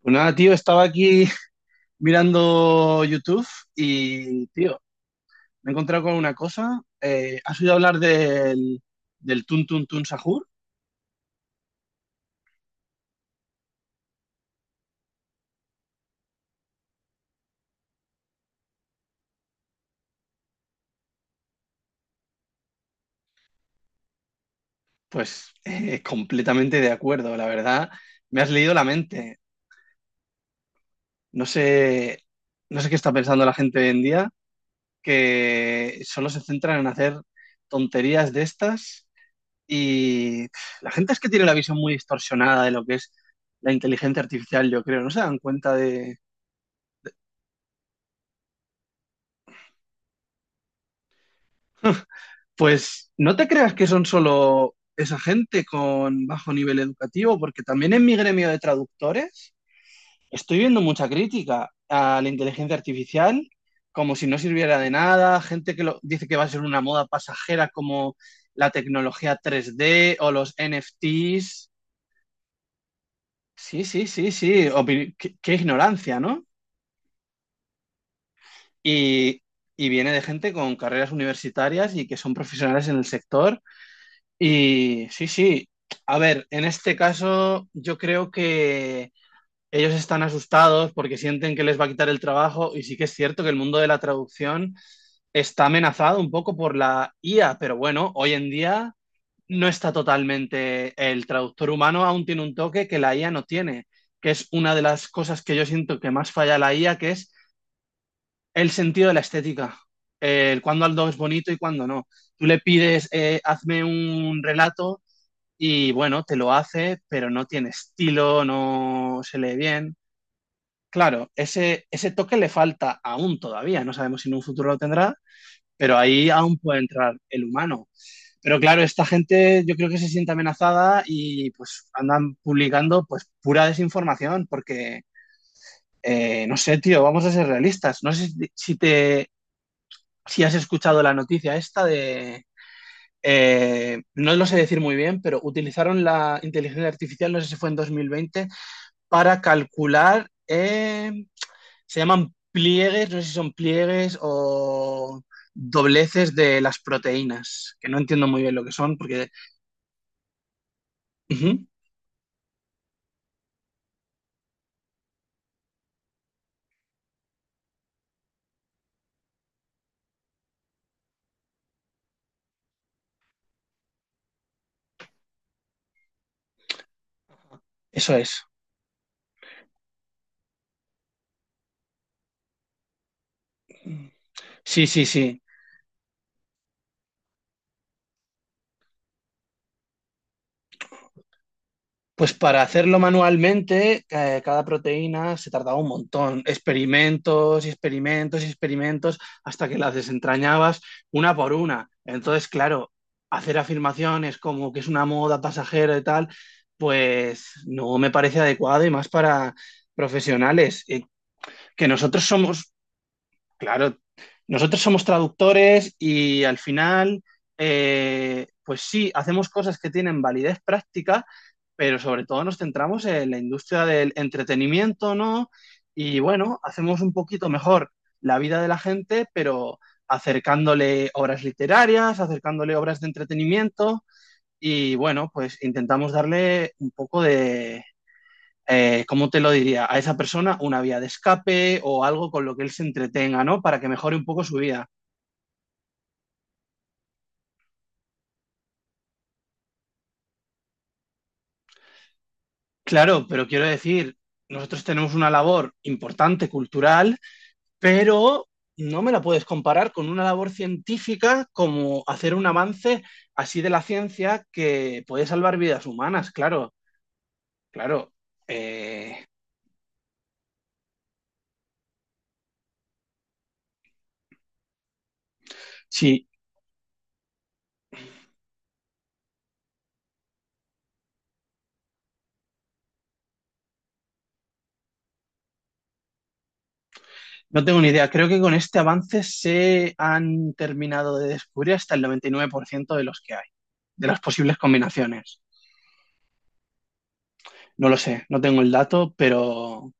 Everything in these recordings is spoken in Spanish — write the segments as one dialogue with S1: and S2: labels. S1: Pues nada, tío, estaba aquí mirando YouTube y, tío, me he encontrado con una cosa. ¿Has oído hablar del Tun Tun Tun Sahur? Pues completamente de acuerdo, la verdad. Me has leído la mente. No sé, no sé qué está pensando la gente hoy en día, que solo se centran en hacer tonterías de estas y la gente es que tiene la visión muy distorsionada de lo que es la inteligencia artificial, yo creo. No se dan cuenta. Pues no te creas que son solo esa gente con bajo nivel educativo, porque también en mi gremio de traductores estoy viendo mucha crítica a la inteligencia artificial, como si no sirviera de nada, gente que dice que va a ser una moda pasajera como la tecnología 3D o los NFTs. Sí, sí, sí, sí, qué ignorancia, ¿no? Y, y viene de gente con carreras universitarias y que son profesionales en el sector. Y sí, sí. A ver, en este caso yo creo que ellos están asustados porque sienten que les va a quitar el trabajo y sí que es cierto que el mundo de la traducción está amenazado un poco por la IA, pero bueno, hoy en día no está totalmente. El traductor humano aún tiene un toque que la IA no tiene, que es una de las cosas que yo siento que más falla la IA, que es el sentido de la estética, el cuándo algo es bonito y cuándo no. Tú le pides, hazme un relato y bueno, te lo hace, pero no tiene estilo, no se lee bien. Claro, ese toque le falta aún todavía, no sabemos si en un futuro lo tendrá, pero ahí aún puede entrar el humano. Pero claro, esta gente yo creo que se siente amenazada y pues andan publicando pues pura desinformación porque, no sé, tío, vamos a ser realistas. No sé si, si has escuchado la noticia esta de, no lo sé decir muy bien, pero utilizaron la inteligencia artificial, no sé si fue en 2020, para calcular, se llaman pliegues, no sé si son pliegues o dobleces de las proteínas, que no entiendo muy bien lo que son, porque... Ujú, eso es. Sí, sí, sí. Pues para hacerlo manualmente, cada proteína se tardaba un montón, experimentos y experimentos y experimentos hasta que las desentrañabas una por una. Entonces, claro, hacer afirmaciones como que es una moda pasajera y tal, pues no me parece adecuado y más para profesionales. Que nosotros somos, claro, nosotros somos traductores y al final, pues sí, hacemos cosas que tienen validez práctica, pero sobre todo nos centramos en la industria del entretenimiento, ¿no? Y bueno, hacemos un poquito mejor la vida de la gente, pero acercándole obras literarias, acercándole obras de entretenimiento y bueno, pues intentamos darle un poco de, ¿cómo te lo diría? A esa persona una vía de escape o algo con lo que él se entretenga, ¿no? Para que mejore un poco su vida. Claro, pero quiero decir, nosotros tenemos una labor importante, cultural, pero no me la puedes comparar con una labor científica como hacer un avance así de la ciencia que puede salvar vidas humanas, claro, claro. eh, sí, no tengo ni idea. Creo que con este avance se han terminado de descubrir hasta el 99% de los que hay, de las posibles combinaciones. No lo sé, no tengo el dato, pero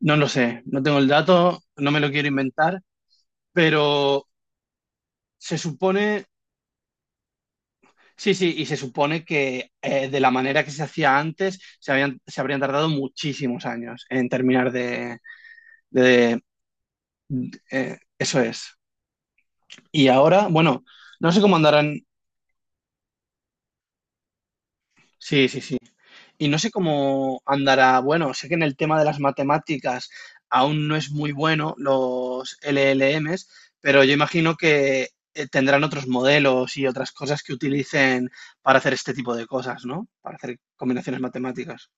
S1: no lo sé, no tengo el dato, no me lo quiero inventar, pero se supone, sí, sí, y se supone que de la manera que se hacía antes, se habrían tardado muchísimos años en terminar de, de eso es. Y ahora, bueno, no sé cómo andarán. Sí, sí, sí. Y no sé cómo andará. Bueno, sé que en el tema de las matemáticas aún no es muy bueno los LLMs, pero yo imagino que tendrán otros modelos y otras cosas que utilicen para hacer este tipo de cosas, ¿no? Para hacer combinaciones matemáticas.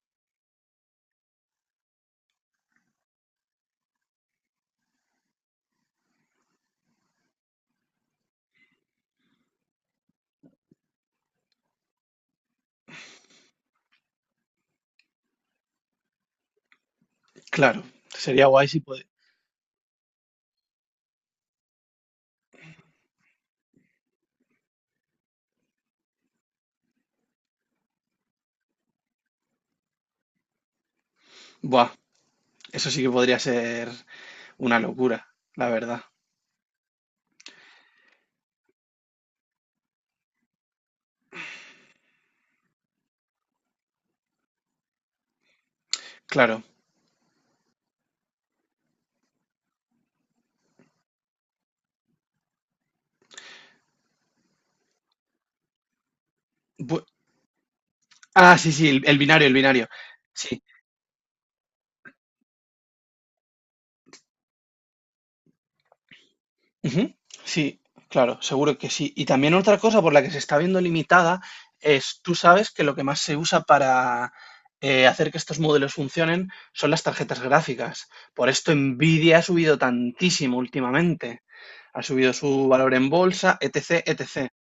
S1: Claro, sería guay si puede. Buah, eso sí que podría ser una locura, la verdad. Claro. Bu- ah, sí, sí, el binario, el binario. Sí. Ujú. Sí, claro, seguro que sí. Y también otra cosa por la que se está viendo limitada es, tú sabes que lo que más se usa para hacer que estos modelos funcionen son las tarjetas gráficas. Por esto Nvidia ha subido tantísimo últimamente. Ha subido su valor en bolsa, etc, etc.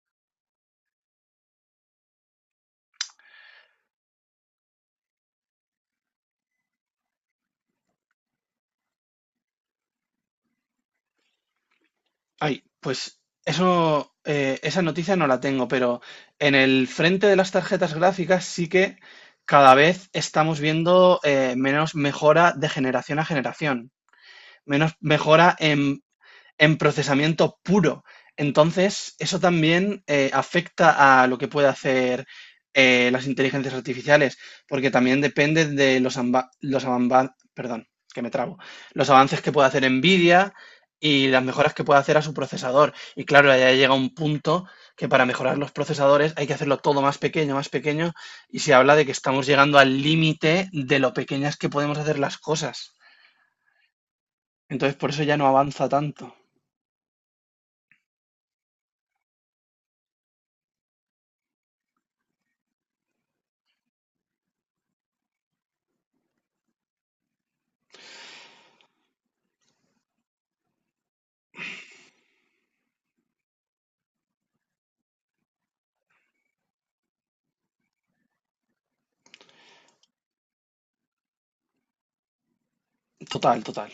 S1: Ay, pues eso, esa noticia no la tengo, pero en el frente de las tarjetas gráficas sí que cada vez estamos viendo menos mejora de generación a generación, menos mejora en procesamiento puro. Entonces, eso también afecta a lo que puede hacer las inteligencias artificiales, porque también depende de perdón, que me trabo, los avances que pueda hacer Nvidia y las mejoras que pueda hacer a su procesador. Y claro, ya llega un punto que para mejorar los procesadores hay que hacerlo todo más pequeño, y se habla de que estamos llegando al límite de lo pequeñas que podemos hacer las cosas. Entonces, por eso ya no avanza tanto. Total, total.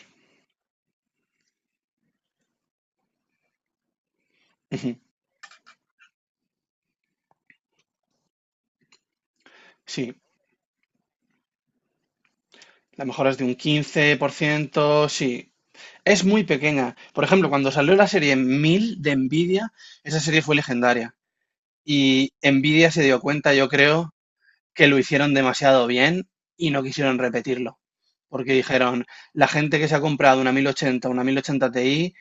S1: Ujú. Sí, la mejora es de un 15% sí. Es muy pequeña. Por ejemplo, cuando salió la serie 1000 de Nvidia, esa serie fue legendaria. Y Nvidia se dio cuenta, yo creo, que lo hicieron demasiado bien y no quisieron repetirlo. Porque dijeron, la gente que se ha comprado una 1080, una 1080 Ti,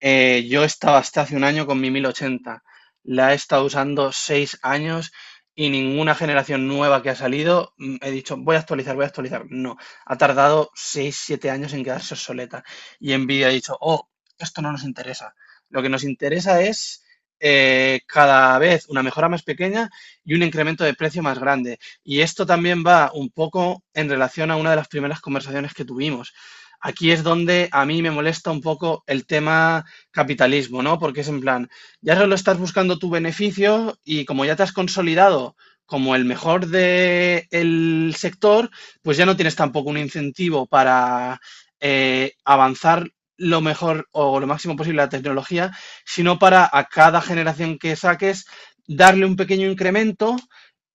S1: yo estaba hasta hace un año con mi 1080. La he estado usando 6 años y ninguna generación nueva que ha salido, he dicho, voy a actualizar, voy a actualizar. No, ha tardado 6 7 años en quedarse obsoleta. Y Nvidia ha dicho, oh, esto no nos interesa. Lo que nos interesa es cada vez una mejora más pequeña y un incremento de precio más grande. Y esto también va un poco en relación a una de las primeras conversaciones que tuvimos. Aquí es donde a mí me molesta un poco el tema capitalismo, ¿no? Porque es en plan, ya solo estás buscando tu beneficio y como ya te has consolidado como el mejor del sector, pues ya no tienes tampoco un incentivo para avanzar lo mejor o lo máximo posible la tecnología, sino para a cada generación que saques darle un pequeño incremento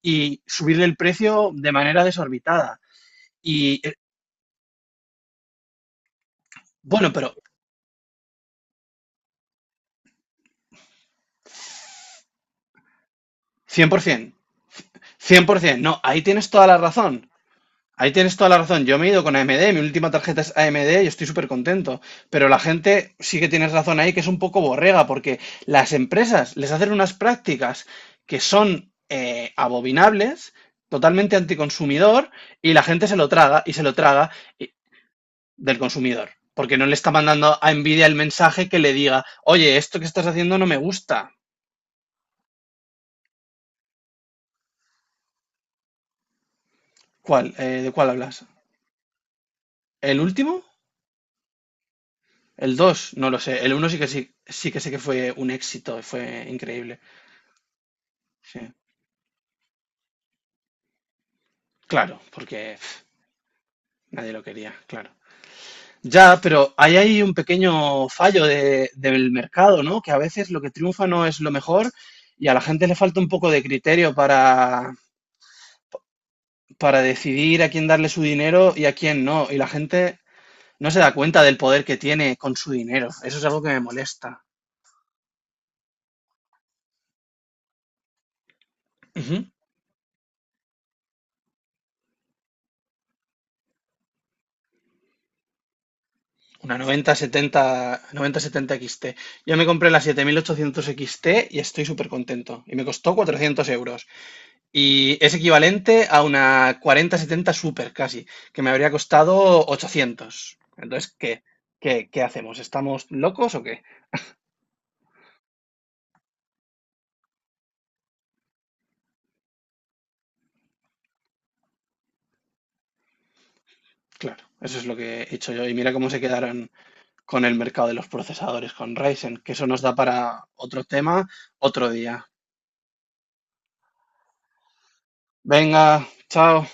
S1: y subirle el precio de manera desorbitada. Y bueno, pero cien por ciento, cien por 100%, no, ahí tienes toda la razón. Ahí tienes toda la razón. Yo me he ido con AMD, mi última tarjeta es AMD y estoy súper contento. Pero la gente sí que tienes razón ahí, que es un poco borrega, porque las empresas les hacen unas prácticas que son abominables, totalmente anticonsumidor, y la gente se lo traga y se lo traga. Y del consumidor, porque no le está mandando a Nvidia el mensaje que le diga, oye, esto que estás haciendo no me gusta. ¿Cuál? ¿De cuál hablas? ¿El último? ¿El dos? No lo sé. El uno sí que sí, sí que sé que fue un éxito, fue increíble. Sí. Claro, porque nadie lo quería, claro. Ya, pero ahí hay un pequeño fallo del mercado, ¿no? Que a veces lo que triunfa no es lo mejor y a la gente le falta un poco de criterio para decidir a quién darle su dinero y a quién no. Y la gente no se da cuenta del poder que tiene con su dinero. Eso es algo que me molesta. Ujú. Una 9070, 9070 XT. Yo me compré la 7800 XT y estoy súper contento. Y me costó 400 euros. Y es equivalente a una 4070 Super casi, que me habría costado 800. Entonces, ¿qué? ¿Qué, qué hacemos? ¿Estamos locos o qué? Claro, eso es lo que he hecho yo. Y mira cómo se quedaron con el mercado de los procesadores, con Ryzen, que eso nos da para otro tema otro día. Venga, chao.